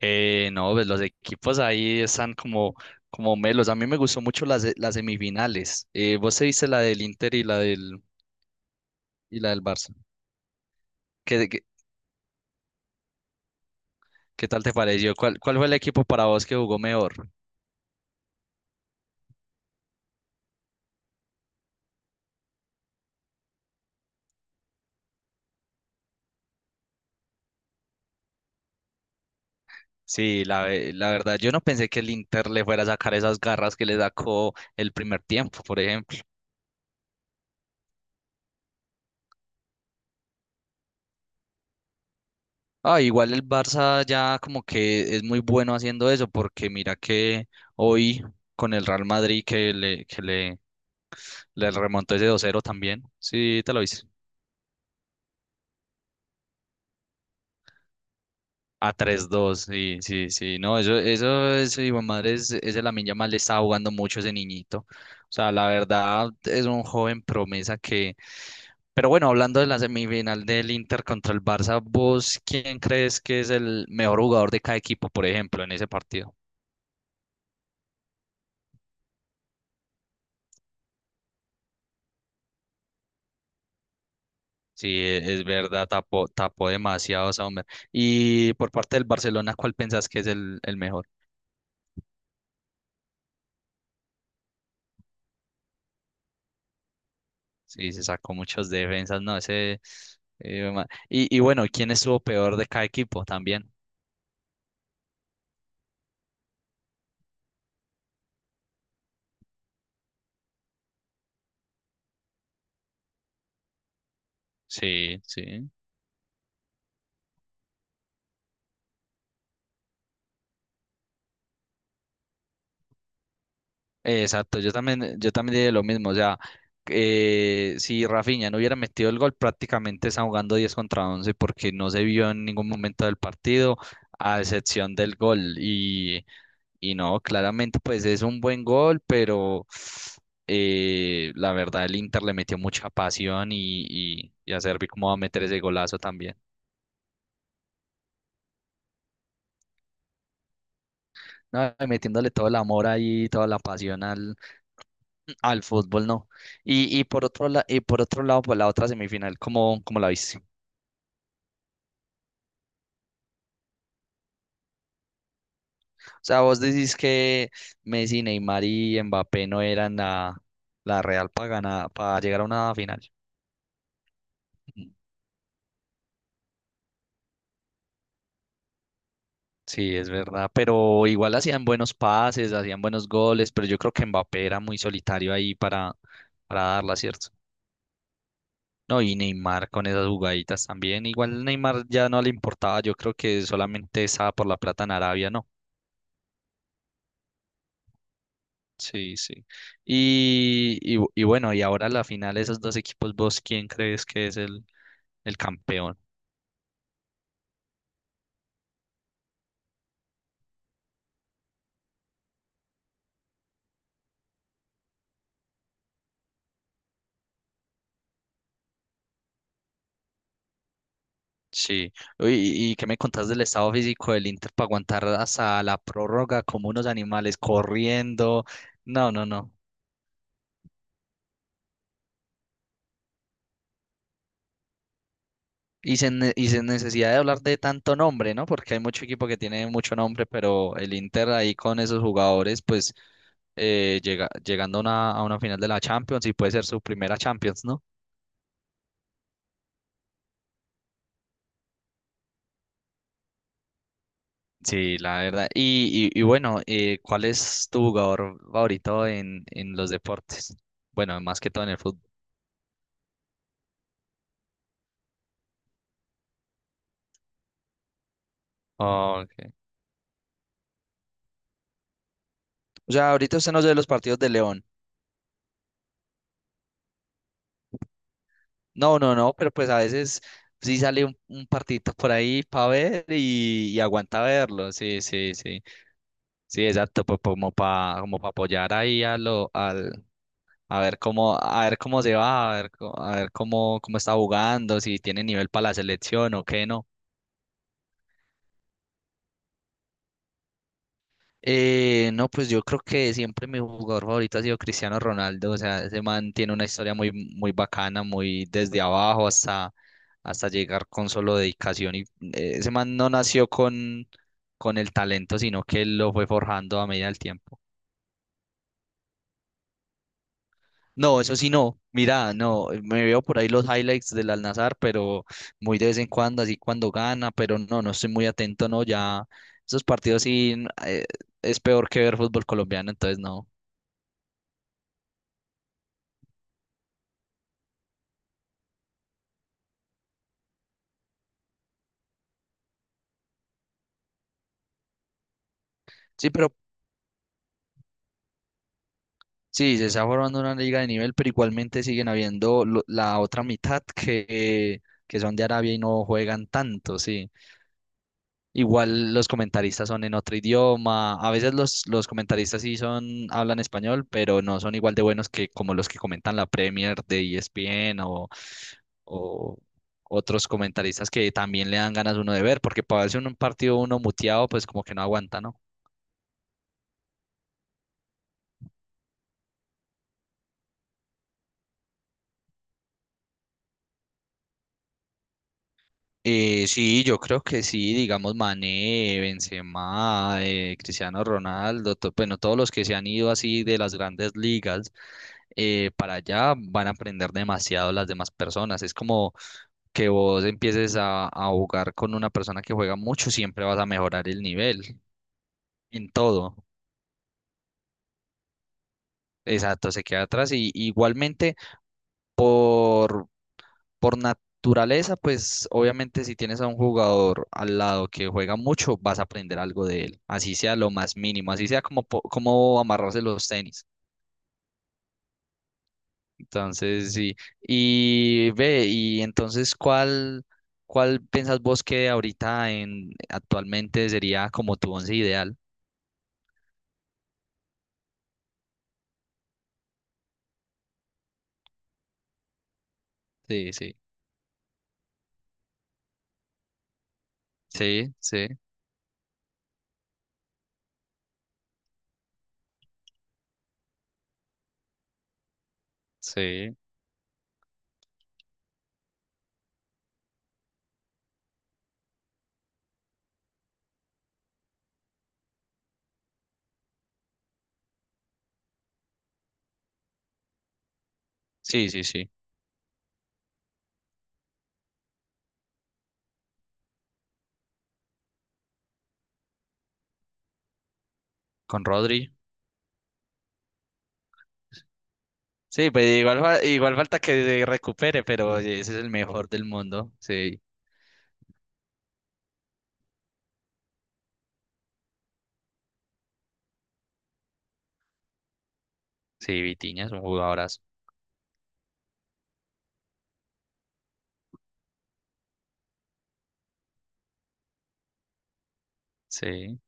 No, pues los equipos ahí están como melos. A mí me gustó mucho las semifinales. Vos te viste la del Inter y la del Barça. ¿Qué, qué, ¿qué tal te pareció? ¿ cuál fue el equipo para vos que jugó mejor? La verdad, yo no pensé que el Inter le fuera a sacar esas garras que le sacó el primer tiempo, por ejemplo. Ah, igual el Barça ya como que es muy bueno haciendo eso, porque mira que hoy con el Real Madrid le remontó ese dos cero también. Sí, te lo hice. A tres dos, sí, sí, sí. No, eso es, hijo de madre, ese Lamine Yamal le está jugando mucho a ese niñito. O sea, la verdad es un joven promesa que. Pero bueno, hablando de la semifinal del Inter contra el Barça, ¿vos quién crees que es el mejor jugador de cada equipo, por ejemplo, en ese partido? Es verdad, tapó demasiado ese hombre. Y por parte del Barcelona, ¿cuál pensás que es el mejor? Sí, se sacó muchas defensas, no, ese. Y bueno, ¿quién estuvo peor de cada equipo también? Sí, sí. Exacto, yo también diría lo mismo, o sea, si Rafinha no hubiera metido el gol, prácticamente está jugando 10 contra 11 porque no se vio en ningún momento del partido, a excepción del gol. Y no, claramente pues es un buen gol, pero la verdad el Inter le metió mucha pasión y a Servi cómo va a meter ese golazo también. No, metiéndole todo el amor ahí, toda la pasión al, al fútbol no. Y por otro por otro lado, por la otra semifinal, ¿ cómo la viste? O sea, vos decís que Messi, Neymar y Mbappé no eran la real para ganar, para llegar a una final. Mm, sí, es verdad, pero igual hacían buenos pases, hacían buenos goles, pero yo creo que Mbappé era muy solitario para darla, ¿cierto? No, y Neymar con esas jugaditas también. Igual Neymar ya no le importaba, yo creo que solamente estaba por la plata en Arabia, ¿no? Sí, sí. Y bueno, y ahora la final, esos dos equipos, ¿vos quién crees que es el campeón? Sí. Uy, ¿ qué me contás del estado físico del Inter para aguantar hasta la prórroga como unos animales corriendo? No, no, no. Y sin necesidad de hablar de tanto nombre, ¿no? Porque hay mucho equipo que tiene mucho nombre, pero el Inter ahí con esos jugadores, pues llegando a a una final de la Champions y puede ser su primera Champions, ¿no? Sí, la verdad. Y bueno, ¿cuál es tu jugador favorito en los deportes? Bueno, más que todo en el fútbol. Oh, ok. O sea, ahorita usted no ve los partidos de León. No, no, no, pero pues a veces sí sale un partidito por ahí para ver y aguanta verlo. Sí, sí, sí. Sí, exacto, pues como para como pa apoyar ahí a lo, al, a ver cómo se va, a ver cómo está jugando, si tiene nivel para la selección o qué no. No, pues yo creo que siempre mi jugador favorito ha sido Cristiano Ronaldo. O sea, ese man tiene una historia muy bacana, muy desde abajo hasta llegar con solo dedicación. Ese man no nació con el talento, sino que lo fue forjando a medida del tiempo. No, eso sí no. Mira, no, me veo por ahí los highlights del Al-Nassr, pero muy de vez en cuando, así cuando gana, pero no, no estoy muy atento, no, ya esos partidos sí es peor que ver fútbol colombiano, entonces no. Sí, pero sí, se está formando una liga de nivel, pero igualmente siguen habiendo la otra mitad que son de Arabia y no juegan tanto, sí. Igual los comentaristas son en otro idioma. A veces los comentaristas sí son, hablan español, pero no son igual de buenos que como los que comentan la Premier de ESPN o otros comentaristas que también le dan ganas uno de ver, porque para verse un partido uno muteado, pues como que no aguanta, ¿no? Sí, yo creo que sí, digamos Mané, Benzema, Cristiano Ronaldo, bueno, todos los que se han ido así de las grandes ligas para allá van a aprender demasiado las demás personas. Es como que vos empieces a jugar con una persona que juega mucho, siempre vas a mejorar el nivel en todo. Exacto, se queda atrás y igualmente por por naturaleza, pues obviamente si tienes a un jugador al lado que juega mucho, vas a aprender algo de él, así sea lo más mínimo, así sea cómo amarrarse los tenis. Entonces, sí. Y entonces, ¿ cuál piensas vos que ahorita en actualmente sería como tu once ideal? Sí, sí. Sí, sí, sí. Sí, sí, sí. Con Rodri. Sí, pues igual, igual falta que se recupere, pero oye, ese es el mejor del mundo. Sí. Sí, Vitinha es un jugadorazo. Sí,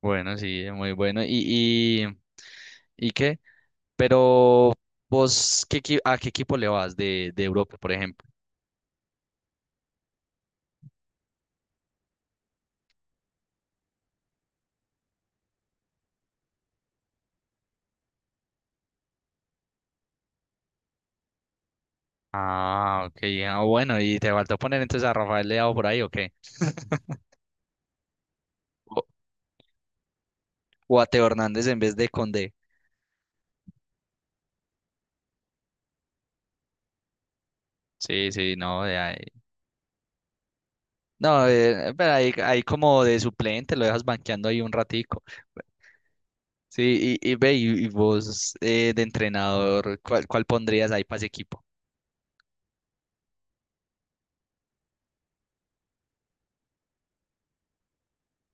bueno, sí, es muy bueno. ¿ qué? Pero ¿a qué equipo le vas de Europa, por ejemplo? Ah, ok, ah, bueno, ¿y te faltó poner entonces a Rafael Leao por ahí o qué? O, o a Teo Hernández en vez de Condé. Sí, sí, no, no, pero ahí como de suplente lo dejas banqueando ahí un ratico. Sí, y vos de entrenador, ¿ cuál pondrías ahí para ese equipo?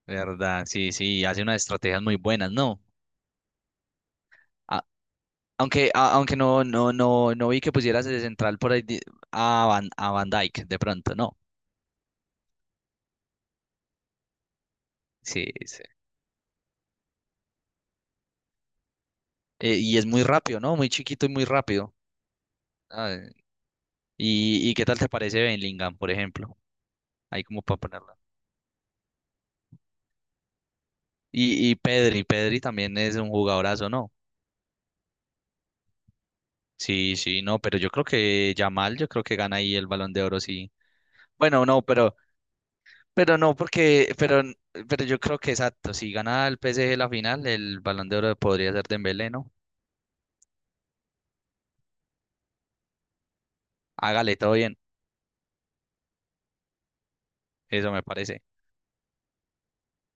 Verdad, sí, sí, hace unas estrategias muy buenas, ¿no? A- Aunque no, no, no, no vi que pusieras de central por ahí a Van Dijk, de pronto, no. Sí, sí. Y es muy rápido, ¿no? Muy chiquito y muy rápido. Ah, ¿y qué tal te parece Bellingham, por ejemplo? Ahí como para ponerla. Y Pedri, Pedri también es un jugadorazo, ¿no? Sí, sí, no, pero yo creo que Yamal, yo creo que gana ahí el Balón de Oro, sí. Bueno, no, pero no, porque, pero yo creo que exacto, si gana el PSG la final, el Balón de Oro podría ser Dembélé, ¿no? Hágale todo bien, eso me parece.